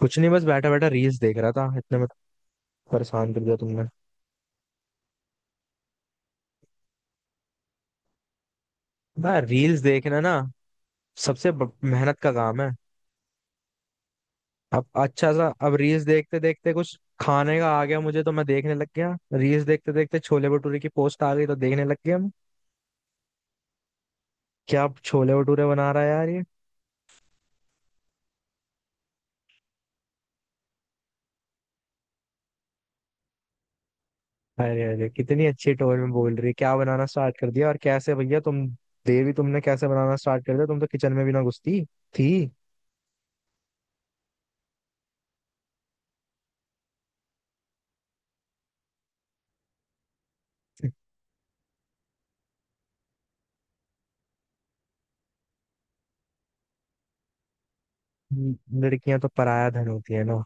कुछ नहीं। बस बैठा बैठा रील्स देख रहा था, इतने में परेशान कर दिया तुमने। भाई रील्स देखना ना सबसे मेहनत का काम है। अब अच्छा सा, अब रील्स देखते देखते कुछ खाने का आ गया मुझे, तो मैं देखने लग गया। रील्स देखते देखते छोले भटूरे की पोस्ट आ गई तो देखने लग गया मैं। क्या छोले भटूरे बना रहा है यार ये। अरे अरे कितनी अच्छी टोन में बोल रही है। क्या बनाना स्टार्ट कर दिया और कैसे भैया तुम? देवी तुमने कैसे बनाना स्टार्ट कर दिया? तुम तो किचन में भी ना घुसती थी। लड़कियां तो पराया धन होती है ना।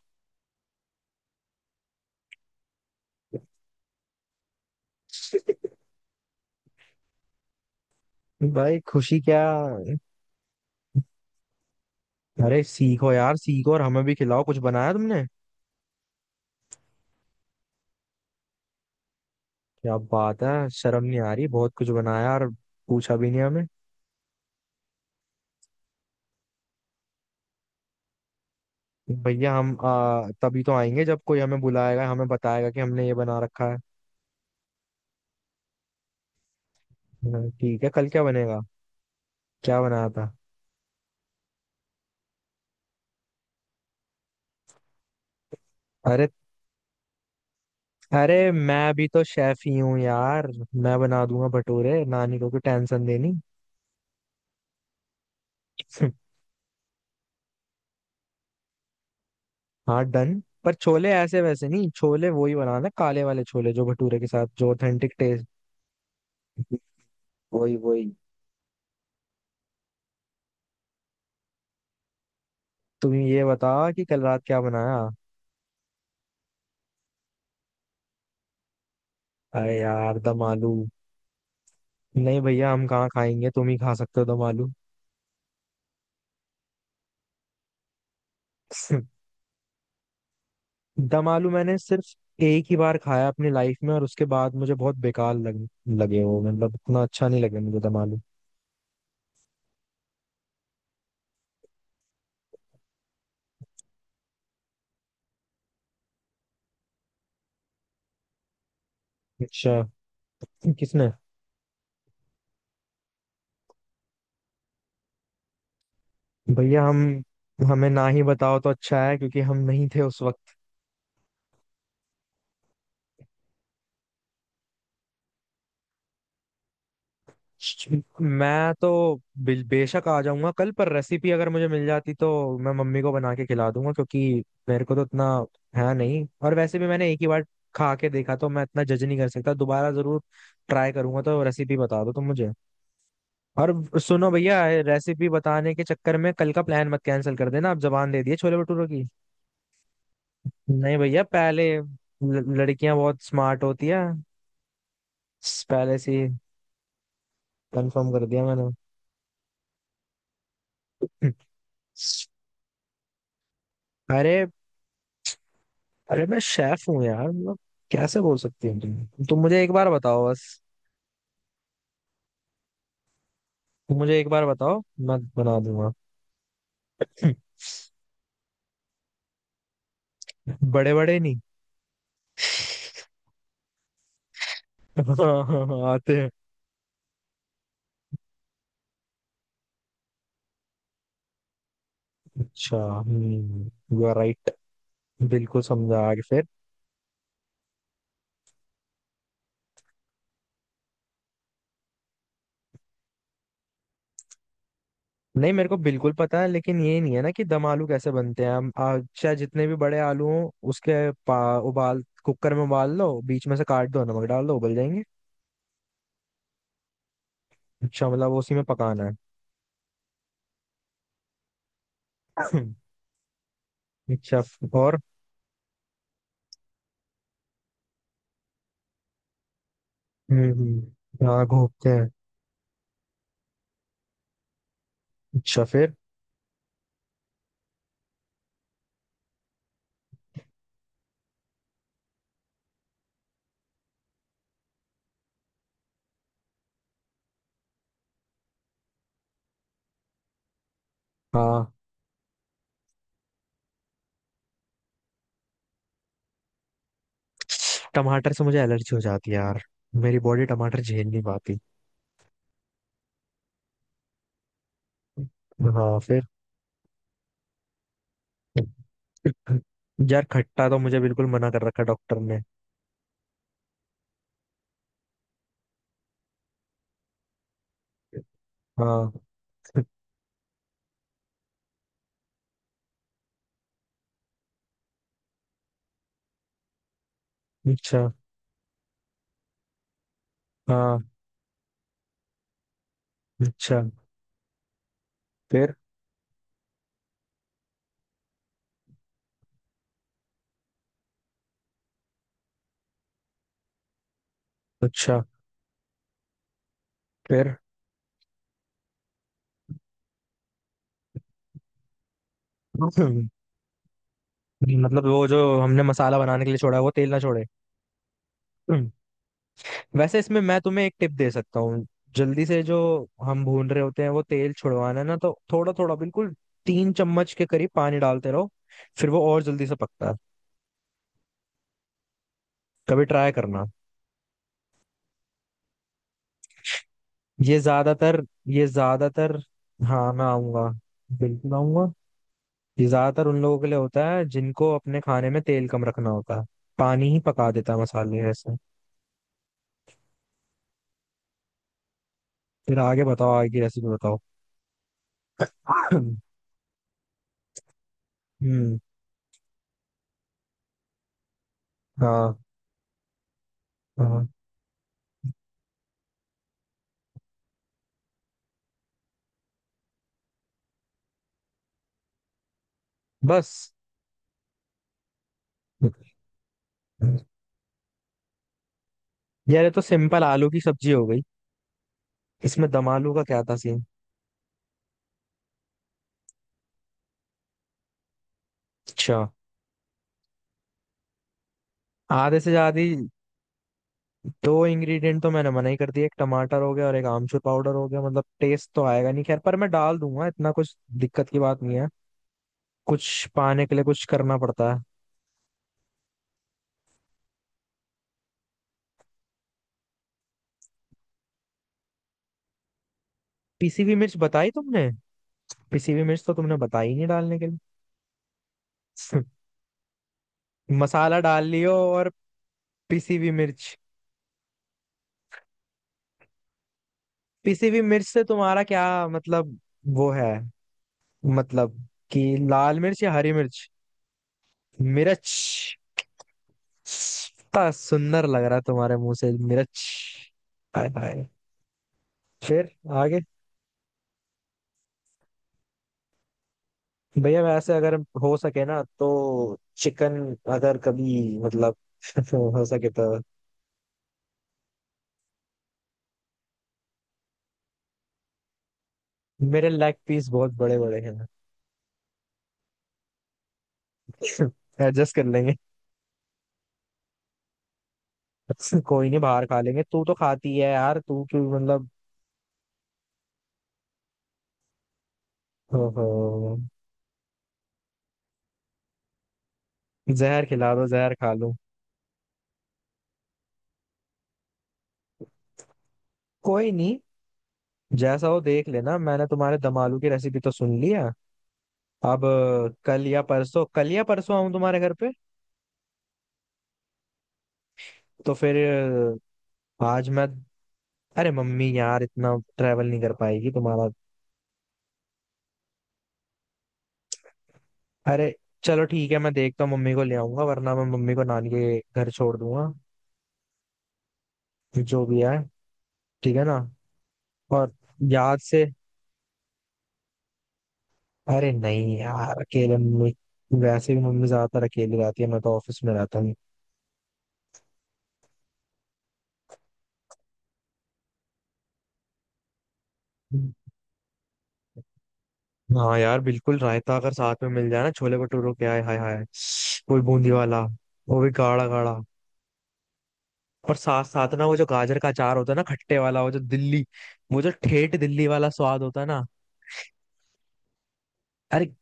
भाई खुशी क्या। अरे सीखो यार सीखो और हमें भी खिलाओ। कुछ बनाया तुमने? क्या बात है, शर्म नहीं आ रही। बहुत कुछ बनाया और पूछा भी नहीं हमें। भैया हम तभी तो आएंगे जब कोई हमें बुलाएगा, हमें बताएगा कि हमने ये बना रखा है। हाँ, ठीक है, कल क्या बनेगा? क्या बनाया था? अरे अरे मैं भी तो शेफ ही हूँ यार। मैं बना दूंगा भटूरे, नानी को कोई टेंशन देनी। हाँ डन, पर छोले ऐसे वैसे नहीं, छोले वही बनाना, काले वाले छोले जो भटूरे के साथ जो ऑथेंटिक टेस्ट। वही वही। तुम ये बताओ कि कल रात क्या बनाया। अरे यार दम आलू। नहीं भैया, हम कहाँ खाएंगे, तुम ही खा सकते हो दम आलू। दम आलू मैंने सिर्फ एक ही बार खाया अपनी लाइफ में, और उसके बाद मुझे बहुत बेकार लगे वो। मतलब इतना अच्छा नहीं लगे मुझे दम आलू। अच्छा, किसने? भैया हम, हमें ना ही बताओ तो अच्छा है क्योंकि हम नहीं थे उस वक्त। मैं तो बेशक आ जाऊंगा कल, पर रेसिपी अगर मुझे मिल जाती तो मैं मम्मी को बना के खिला दूंगा। क्योंकि मेरे को तो इतना है नहीं, और वैसे भी मैंने एक ही बार खा के देखा तो मैं इतना जज नहीं कर सकता। दोबारा जरूर ट्राई करूंगा, तो रेसिपी बता दो तुम मुझे। और सुनो भैया, रेसिपी बताने के चक्कर में कल का प्लान मत कैंसिल कर देना। आप जबान दे दिए छोले भटूरों की। नहीं भैया, पहले लड़कियां बहुत स्मार्ट होती है। पहले से कंफर्म कर दिया मैंने। अरे अरे मैं शेफ हूँ यार, मतलब कैसे बोल सकती हो तुम? मुझे एक बार बताओ बस। तुम मुझे एक बार बताओ, मैं बना दूंगा। बड़े बड़े नहीं। हाँ, हाँ, हाँ, आते हैं। अच्छा, यू आर राइट। बिल्कुल समझा, आगे फिर। नहीं, मेरे को बिल्कुल पता है, लेकिन ये नहीं है ना कि दम आलू कैसे बनते हैं। हम चाहे जितने भी बड़े आलू हों उसके पा, उबाल, कुकर में उबाल लो, बीच में से काट दो, नमक डाल दो, उबल जाएंगे। अच्छा, मतलब उसी में पकाना है। अच्छा। और हाँ घोपते हैं। अच्छा फिर। हाँ। टमाटर से मुझे एलर्जी हो जाती है यार, मेरी बॉडी टमाटर झेल नहीं पाती। हाँ फिर। यार खट्टा तो मुझे बिल्कुल मना कर रखा डॉक्टर ने। हाँ। अच्छा। हाँ। अच्छा फिर। अच्छा फिर। मतलब वो जो हमने मसाला बनाने के लिए छोड़ा है वो तेल ना छोड़े। वैसे इसमें मैं तुम्हें एक टिप दे सकता हूँ। जल्दी से जो हम भून रहे होते हैं वो तेल छुड़वाना है ना, तो थोड़ा थोड़ा बिल्कुल, तीन चम्मच के करीब पानी डालते रहो, फिर वो और जल्दी से पकता है। कभी ट्राई करना। ये ज्यादातर ये ज्यादातर। हाँ मैं आऊंगा, बिल्कुल आऊंगा। ये ज्यादातर उन लोगों के लिए होता है जिनको अपने खाने में तेल कम रखना होता है। पानी ही पका देता है मसाले ऐसे। फिर आगे बताओ, आगे की रेसिपी बताओ। हम्म, हाँ हाँ बस। यार ये तो सिंपल आलू की सब्जी हो गई। इसमें दम आलू का क्या था सीन? अच्छा। आधे से ज्यादा दो इंग्रेडिएंट तो मैंने मना ही कर दिया, एक टमाटर हो गया और एक आमचूर पाउडर हो गया, मतलब टेस्ट तो आएगा नहीं। खैर, पर मैं डाल दूंगा, इतना कुछ दिक्कत की बात नहीं है। कुछ पाने के लिए कुछ करना पड़ता है। पिसी हुई मिर्च बताई तुमने? पिसी हुई मिर्च तो तुमने बताई नहीं डालने के लिए। मसाला डाल लियो और पिसी हुई मिर्च। पिसी हुई मिर्च से तुम्हारा क्या मतलब? वो है मतलब कि लाल मिर्च या हरी मिर्च? मिर्च। इतना सुंदर लग रहा है तुम्हारे मुंह से मिर्च। हाय हाय। फिर आगे। भैया वैसे अगर हो सके ना तो चिकन, अगर कभी, मतलब हो सके तो। मेरे लेग पीस बहुत बड़े बड़े हैं। एडजस्ट कर लेंगे। कोई नहीं, बाहर खा लेंगे। तू तो खाती है यार, तू क्यों मतलब? ओहो, जहर खिला दो, जहर खा लो। कोई नहीं, जैसा हो देख लेना। मैंने तुम्हारे दम आलू की रेसिपी तो सुन लिया। अब कल या परसों, कल या परसों आऊं तुम्हारे घर पे? तो फिर आज मैं। अरे मम्मी यार इतना ट्रैवल नहीं कर पाएगी तुम्हारा। अरे चलो ठीक है, मैं देखता हूँ, मम्मी को ले आऊंगा, वरना मैं मम्मी को नानी के घर छोड़ दूंगा। जो भी है। ठीक है ना? और याद से। अरे नहीं यार अकेले मम्मी। वैसे भी मम्मी ज्यादातर अकेली रहती है, मैं तो ऑफिस में रहता हूँ। हाँ यार बिल्कुल, रायता अगर साथ में मिल जाए ना छोले भटूरों के, आए हाय हाय। कोई बूंदी वाला, वो भी गाढ़ा गाढ़ा। और साथ साथ ना वो जो गाजर का अचार होता है ना, खट्टे वाला, वो जो दिल्ली, वो जो ठेठ दिल्ली वाला स्वाद होता है ना। अरे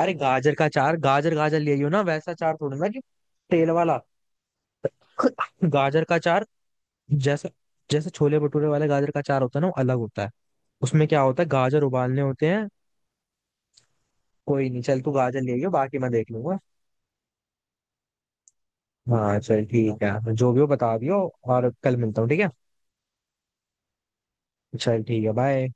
अरे गाजर का चार, गाजर, गाजर ले आइयो ना, वैसा चार थोड़ी ना जो तेल वाला। गाजर का चार जैसे, जैसे छोले भटूरे वाले गाजर का चार होता है ना, वो अलग होता है। उसमें क्या होता है, गाजर उबालने होते हैं। कोई नहीं, चल तू गाजर ले आइयो, बाकी मैं देख लूंगा। हाँ चल ठीक है, जो भी हो बता दियो। और कल मिलता हूँ, ठीक है? चल ठीक है, बाय।